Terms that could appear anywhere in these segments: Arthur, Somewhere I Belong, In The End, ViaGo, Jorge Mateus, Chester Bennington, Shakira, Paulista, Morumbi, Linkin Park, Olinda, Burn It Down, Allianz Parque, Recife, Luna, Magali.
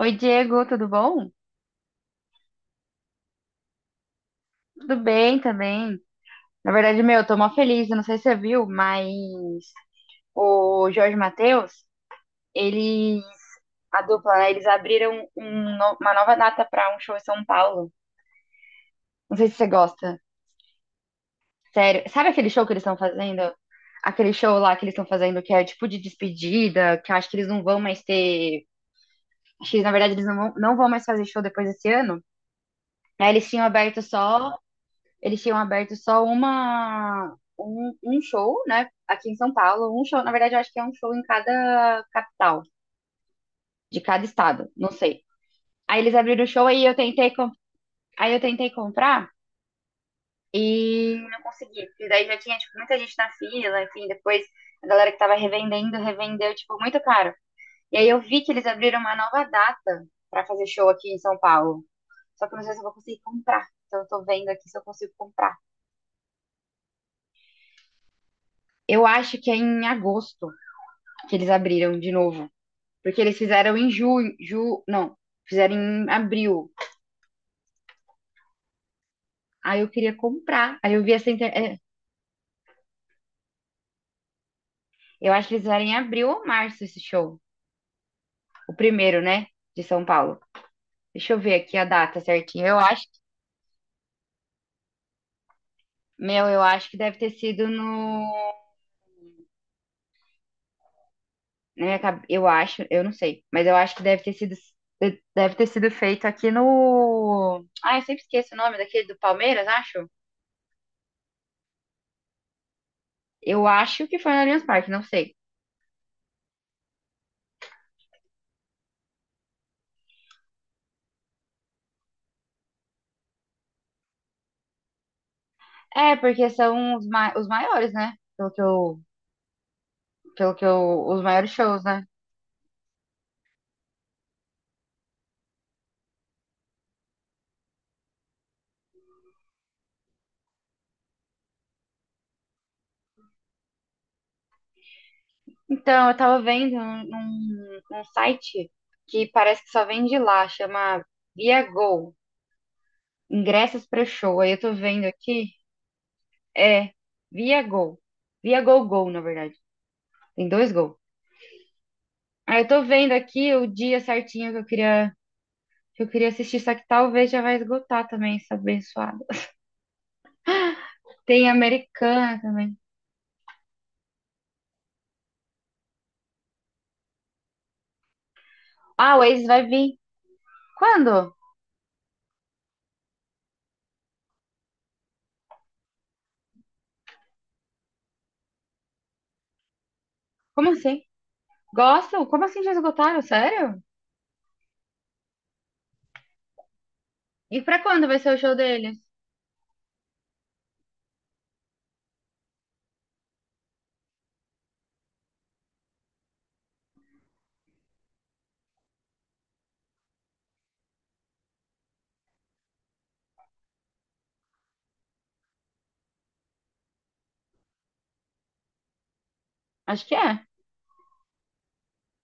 Oi, Diego, tudo bom? Tudo bem também. Na verdade, meu, eu tô mó feliz, eu não sei se você viu, mas o Jorge Mateus, eles, a dupla, né, eles abriram uma nova data pra um show em São Paulo. Não sei se você gosta. Sério, sabe aquele show que eles estão fazendo? Aquele show lá que eles estão fazendo que é tipo de despedida, que eu acho que eles não vão mais ter, acho que na verdade eles não vão mais fazer show depois desse ano. Aí eles tinham aberto só. Eles tinham aberto só um show, né? Aqui em São Paulo. Um show, na verdade, eu acho que é um show em cada capital, de cada estado, não sei. Aí eles abriram o show, aí aí eu tentei comprar e não consegui. E daí já tinha, tipo, muita gente na fila, enfim, depois a galera que tava revendendo, revendeu, tipo, muito caro. E aí eu vi que eles abriram uma nova data pra fazer show aqui em São Paulo. Só que eu não sei se eu vou conseguir comprar. Então eu tô vendo aqui se eu consigo comprar. Eu acho que é em agosto, que eles abriram de novo. Porque eles fizeram em não, fizeram em abril. Aí eu queria comprar. Aí eu vi eu acho que eles fizeram em abril ou março esse show. O primeiro, né? De São Paulo. Deixa eu ver aqui a data certinha. Eu acho, meu, eu acho que deve ter sido no. Eu acho, eu não sei, mas eu acho que deve ter sido. Deve ter sido feito aqui no. Ah, eu sempre esqueço o nome daquele do Palmeiras, acho. Eu acho que foi no Allianz Parque, não sei. É, porque são os maiores, né? Pelo que eu, os maiores shows, né? Então, eu tava vendo um site que parece que só vende lá, chama ViaGo, ingressos para show. Aí eu tô vendo aqui, é ViaGo, ViaGo Go, na verdade. Tem dois Go. Aí eu tô vendo aqui o dia certinho que eu queria, que eu queria assistir, só que talvez já vai esgotar também essa abençoada. Tem Americana também. Ah, o Ace vai vir. Quando? Como assim? Gostam? Como assim já esgotaram? Sério? E pra quando vai ser o show deles? Acho que é.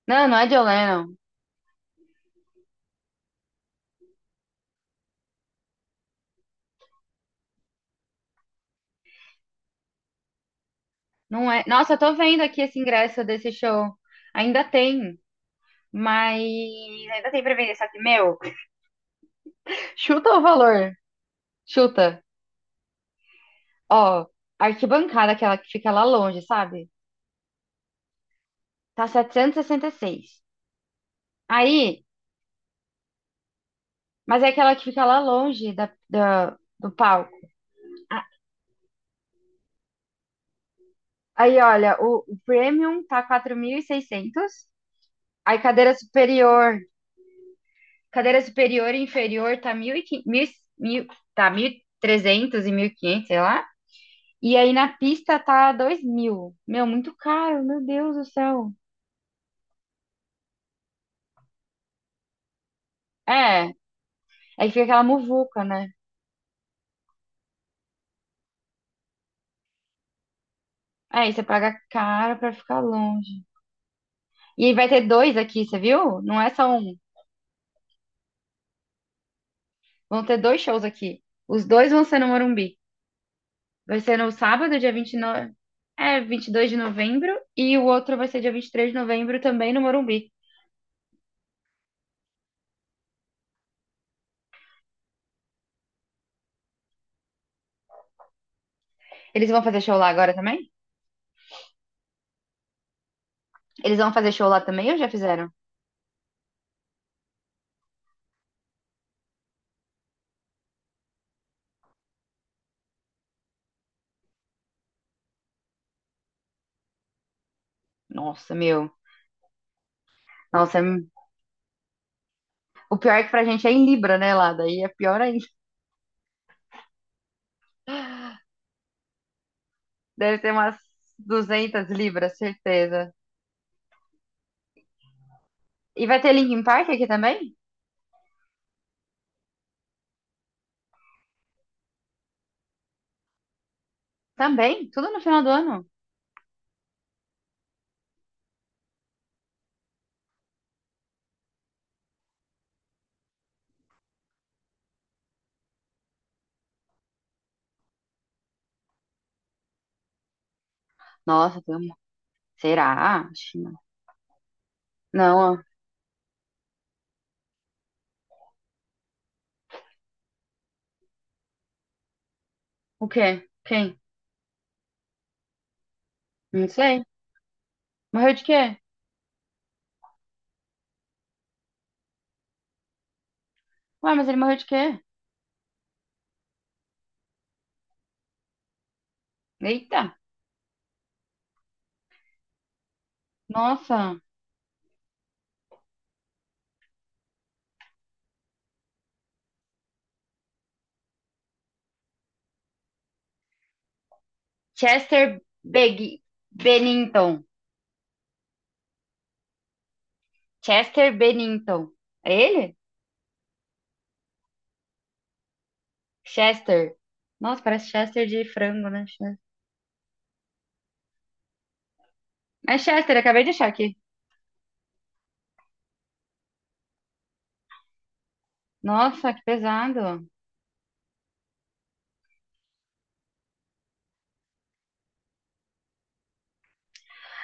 Não, não é John Lennon. Não é. Nossa, eu tô vendo aqui esse ingresso desse show. Ainda tem, mas ainda tem pra vender. Só que, meu, chuta o valor. Chuta. Ó, a arquibancada, aquela que fica lá longe, sabe? Tá setecentos e sessenta e seis. Aí, mas é aquela que fica lá longe do palco. A- Aí, olha, o Premium tá 4.600. Aí, cadeira superior. Cadeira superior e inferior tá 1.500, mil e quinhentos, mil, tá 1.300 e trezentos e mil e quinhentos, sei lá. E aí na pista tá 2.000. Meu, muito caro, meu Deus do céu. É, aí fica aquela muvuca, né? Aí você paga caro pra ficar longe. E aí vai ter dois aqui, você viu? Não é só um. Vão ter dois shows aqui. Os dois vão ser no Morumbi. Vai ser no sábado, dia 29, é, 22 de novembro. E o outro vai ser dia 23 de novembro também no Morumbi. Eles vão fazer show lá agora também? Eles vão fazer show lá também ou já fizeram? Nossa, meu. Nossa, é, o pior é que pra gente é em Libra, né, lá? Daí é pior ainda. Deve ter umas 200 libras, certeza. E vai ter Linkin Park aqui também? Também? Tudo no final do ano? Nossa, tem uma, será? Acho que não. Não, ó. O quê? Quem? Não sei. Morreu de quê? Ué, mas ele morreu de quê? Eita. Nossa. Chester Beg... Bennington. Chester Bennington. É ele? Chester. Nossa, parece Chester de frango, né? Chester. Mas Chester, acabei de achar aqui. Nossa, que pesado.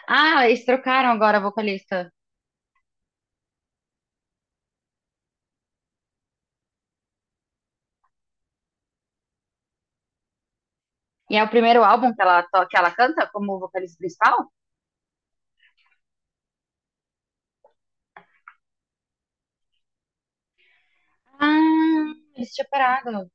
Ah, eles trocaram agora a vocalista. E é o primeiro álbum que ela que ela canta como vocalista principal? Ah, eles tinham parado.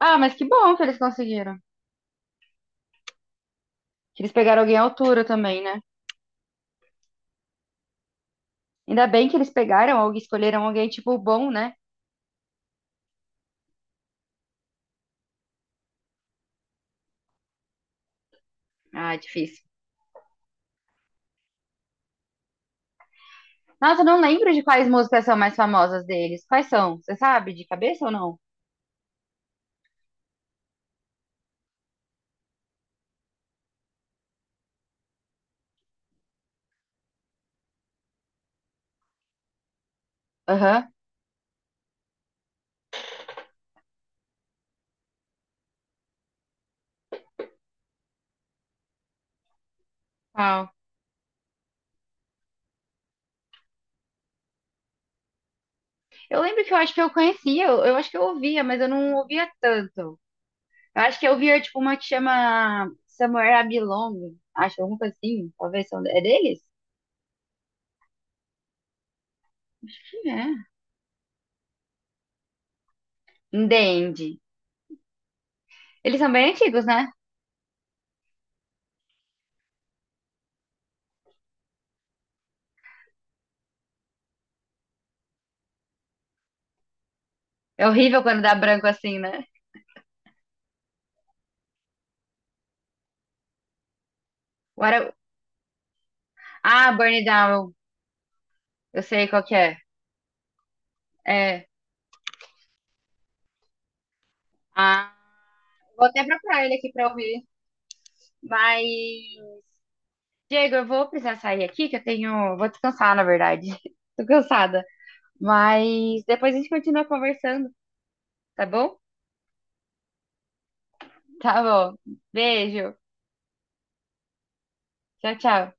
Ah, mas que bom que eles conseguiram. Que eles pegaram alguém à altura também, né? Ainda bem que eles pegaram ou escolheram alguém, tipo, bom, né? Ah, difícil. Nossa, eu não lembro de quais músicas são mais famosas deles. Quais são? Você sabe de cabeça ou não? Aham. Qual? Eu lembro que eu acho que eu conhecia, eu acho que eu ouvia, mas eu não ouvia tanto. Eu acho que eu ouvia, tipo, uma que chama Somewhere I Belong, acho, alguma coisa assim, talvez, são, é deles? Quem é? In The End. Eles são bem antigos, né? É horrível quando dá branco assim, né? What a- Ah, Burn It Down, eu sei qual que é. É, ah, vou até procurar ele aqui pra ouvir, mas... Diego, eu vou precisar sair aqui, que eu tenho... Vou descansar, na verdade. Tô cansada. Mas depois a gente continua conversando, tá bom? Tá bom. Beijo. Tchau, tchau.